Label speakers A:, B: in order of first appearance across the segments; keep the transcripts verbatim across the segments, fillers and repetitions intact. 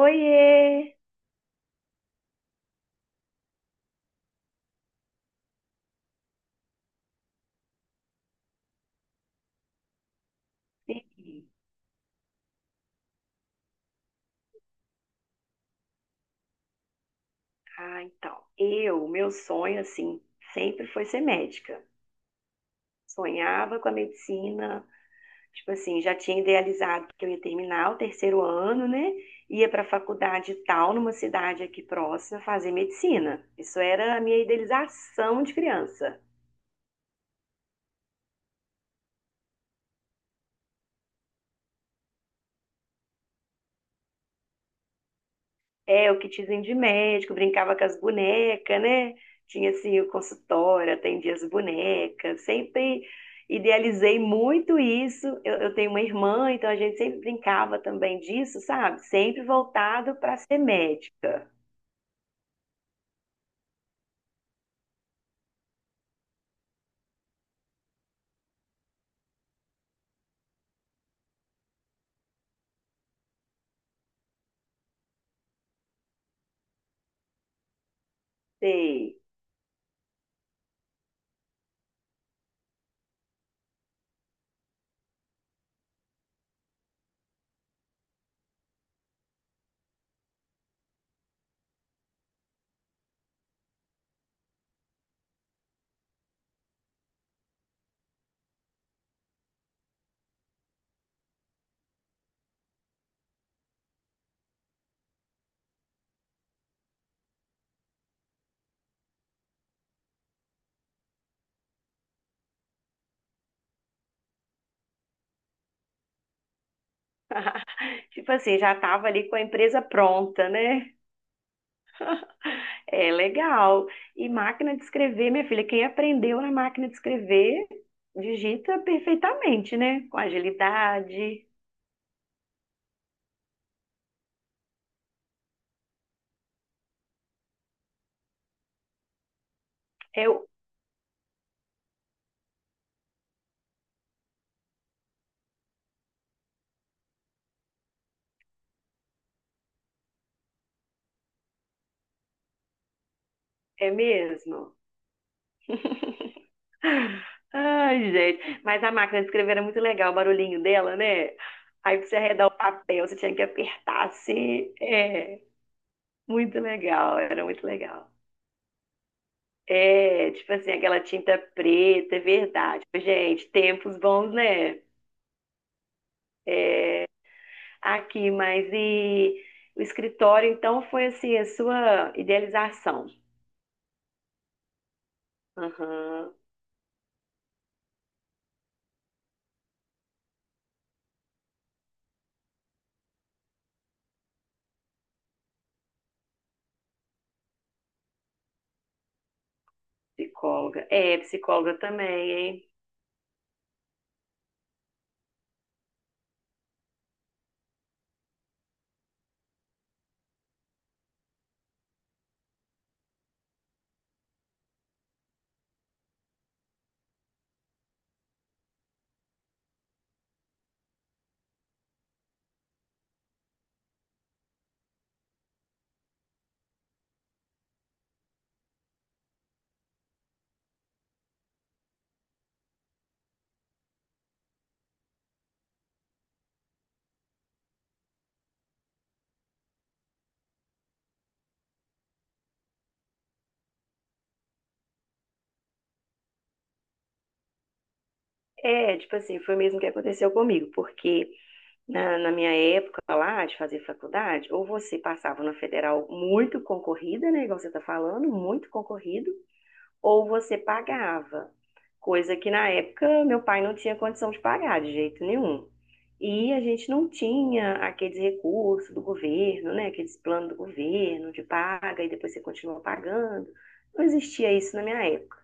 A: Oiê! Sim. Ah, então, eu, meu sonho, assim, sempre foi ser médica. Sonhava com a medicina, tipo assim, já tinha idealizado que eu ia terminar o terceiro ano, né? Ia para a faculdade tal, numa cidade aqui próxima, fazer medicina. Isso era a minha idealização de criança. É, o kitzinho de médico, brincava com as bonecas, né? Tinha assim o consultório, atendia as bonecas, sempre idealizei muito isso. Eu, eu tenho uma irmã, então a gente sempre brincava também disso, sabe? Sempre voltado para ser médica. Sei. Tipo assim, já estava ali com a empresa pronta, né? É legal. E máquina de escrever, minha filha, quem aprendeu na máquina de escrever digita perfeitamente, né? Com agilidade. É, é mesmo? Ai, gente. Mas a máquina de escrever era muito legal, o barulhinho dela, né? Aí pra você arredar o papel, você tinha que apertar assim. É, muito legal, era muito legal. É, tipo assim, aquela tinta preta, é verdade. Gente, tempos bons, né? Aqui, mas e o escritório, então, foi assim, a sua idealização. Aham, psicóloga. É, psicóloga também, hein? É, tipo assim, foi mesmo que aconteceu comigo, porque na, na minha época lá de fazer faculdade, ou você passava na federal muito concorrida, né, igual você está falando, muito concorrido, ou você pagava, coisa que na época meu pai não tinha condição de pagar de jeito nenhum. E a gente não tinha aqueles recursos do governo, né? Aqueles planos do governo de paga e depois você continua pagando. Não existia isso na minha época.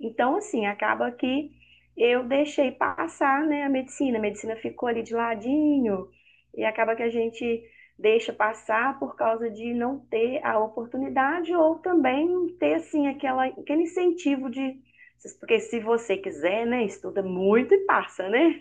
A: Então, assim, acaba que eu deixei passar, né, a medicina. A medicina ficou ali de ladinho e acaba que a gente deixa passar por causa de não ter a oportunidade ou também ter assim aquela, aquele incentivo de porque se você quiser, né, estuda muito e passa, né?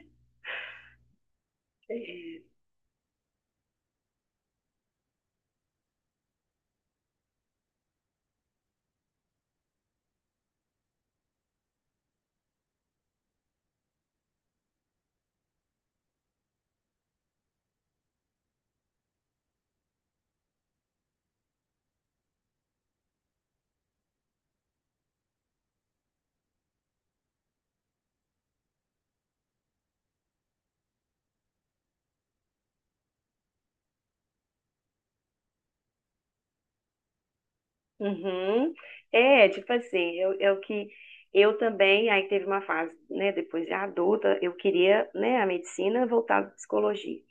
A: Uhum. É, tipo assim, eu, eu que eu também, aí teve uma fase, né, depois de adulta, eu queria, né, a medicina voltada à psicologia.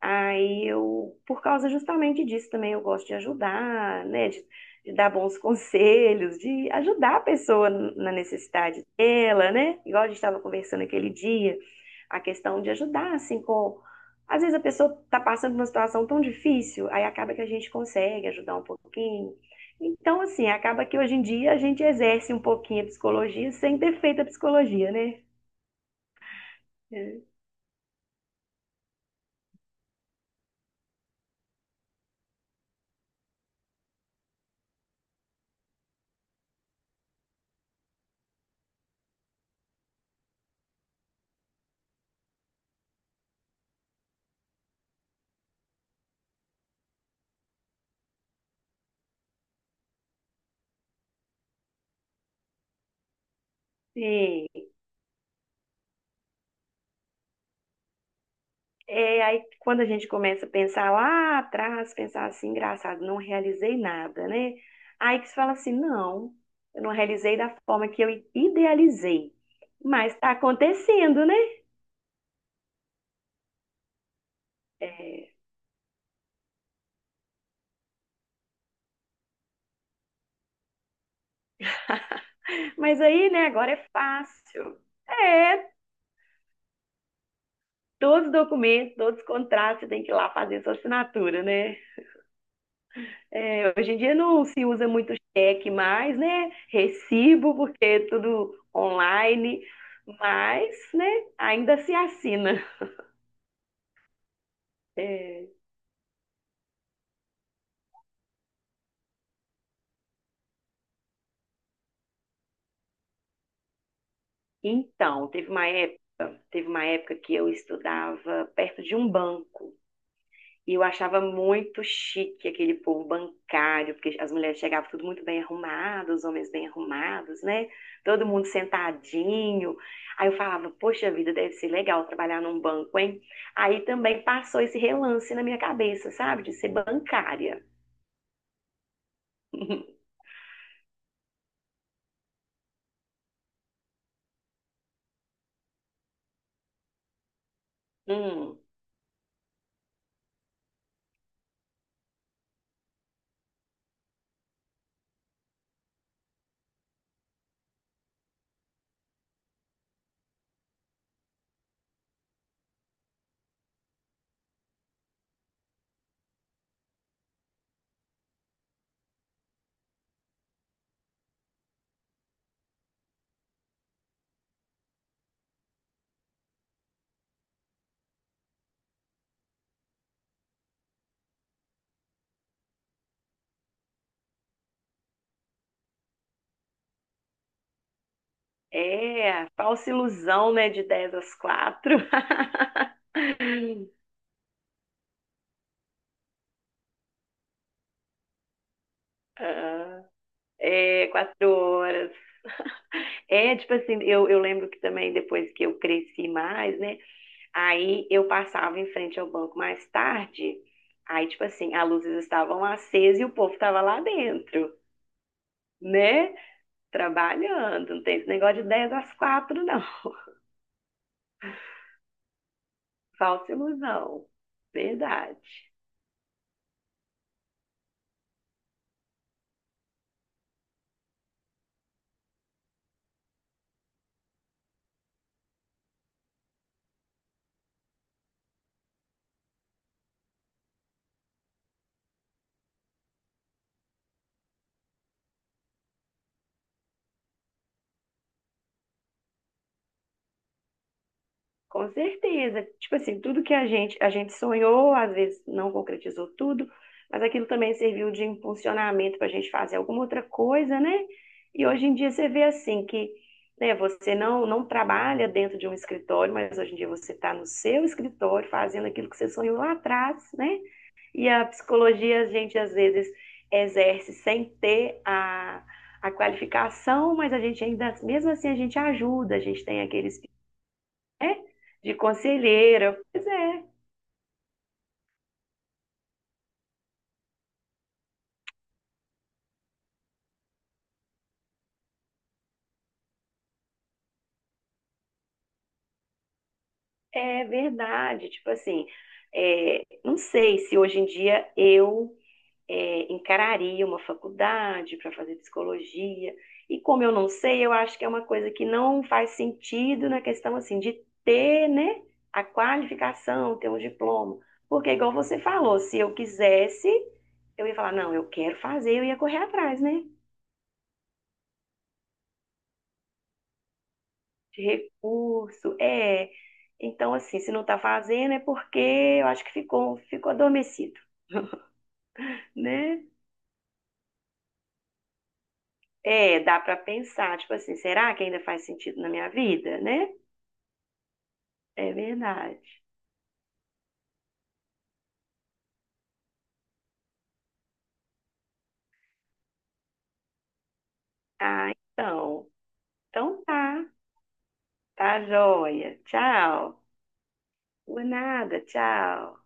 A: Aí eu, por causa justamente disso também, eu gosto de ajudar, né? De, de dar bons conselhos, de ajudar a pessoa na necessidade dela, né? Igual a gente estava conversando aquele dia, a questão de ajudar, assim, com. Às vezes a pessoa está passando por uma situação tão difícil, aí acaba que a gente consegue ajudar um pouquinho. Então, assim, acaba que hoje em dia a gente exerce um pouquinho a psicologia sem ter feito a psicologia, né? É. Sim. É, aí quando a gente começa a pensar lá atrás, pensar assim, engraçado, não realizei nada, né? Aí que você fala assim, não, eu não realizei da forma que eu idealizei, mas tá acontecendo, né? É, mas aí, né, agora é fácil. É, todos os documentos, todos os contratos, você tem que ir lá fazer sua assinatura, né? É, hoje em dia não se usa muito cheque mais, né? Recibo, porque é tudo online, mas, né, ainda se assina. É, então, teve uma época, teve uma época que eu estudava perto de um banco e eu achava muito chique aquele povo bancário, porque as mulheres chegavam tudo muito bem arrumadas, os homens bem arrumados, né? Todo mundo sentadinho. Aí eu falava, poxa vida, deve ser legal trabalhar num banco, hein? Aí também passou esse relance na minha cabeça, sabe? De ser bancária. Hum, é, falsa ilusão, né? De dez às quatro. Ah, é, quatro horas. É, tipo assim, eu, eu lembro que também depois que eu cresci mais, né? Aí eu passava em frente ao banco mais tarde. Aí, tipo assim, as luzes estavam acesas e o povo estava lá dentro, né? Trabalhando. Não tem esse negócio de dez às quatro não. Falsa ilusão. Verdade. Com certeza. Tipo assim, tudo que a gente, a gente sonhou, às vezes não concretizou tudo, mas aquilo também serviu de impulsionamento para a gente fazer alguma outra coisa, né? E hoje em dia você vê assim que, né, você não, não trabalha dentro de um escritório, mas hoje em dia você está no seu escritório fazendo aquilo que você sonhou lá atrás, né? E a psicologia a gente às vezes exerce sem ter a, a qualificação, mas a gente ainda, mesmo assim, a gente ajuda, a gente tem aqueles é, de conselheira. Pois é, é verdade. Tipo assim, é, não sei se hoje em dia eu é, encararia uma faculdade para fazer psicologia. E como eu não sei, eu acho que é uma coisa que não faz sentido na questão assim de ter, né, a qualificação, ter um diploma. Porque, igual você falou, se eu quisesse, eu ia falar, não, eu quero fazer, eu ia correr atrás, né? De recurso. É. Então, assim, se não está fazendo é porque eu acho que ficou, ficou adormecido, né? É, dá para pensar, tipo assim, será que ainda faz sentido na minha vida, né? É verdade. Ah, então. Então tá. Tá joia. Tchau. Por nada, tchau.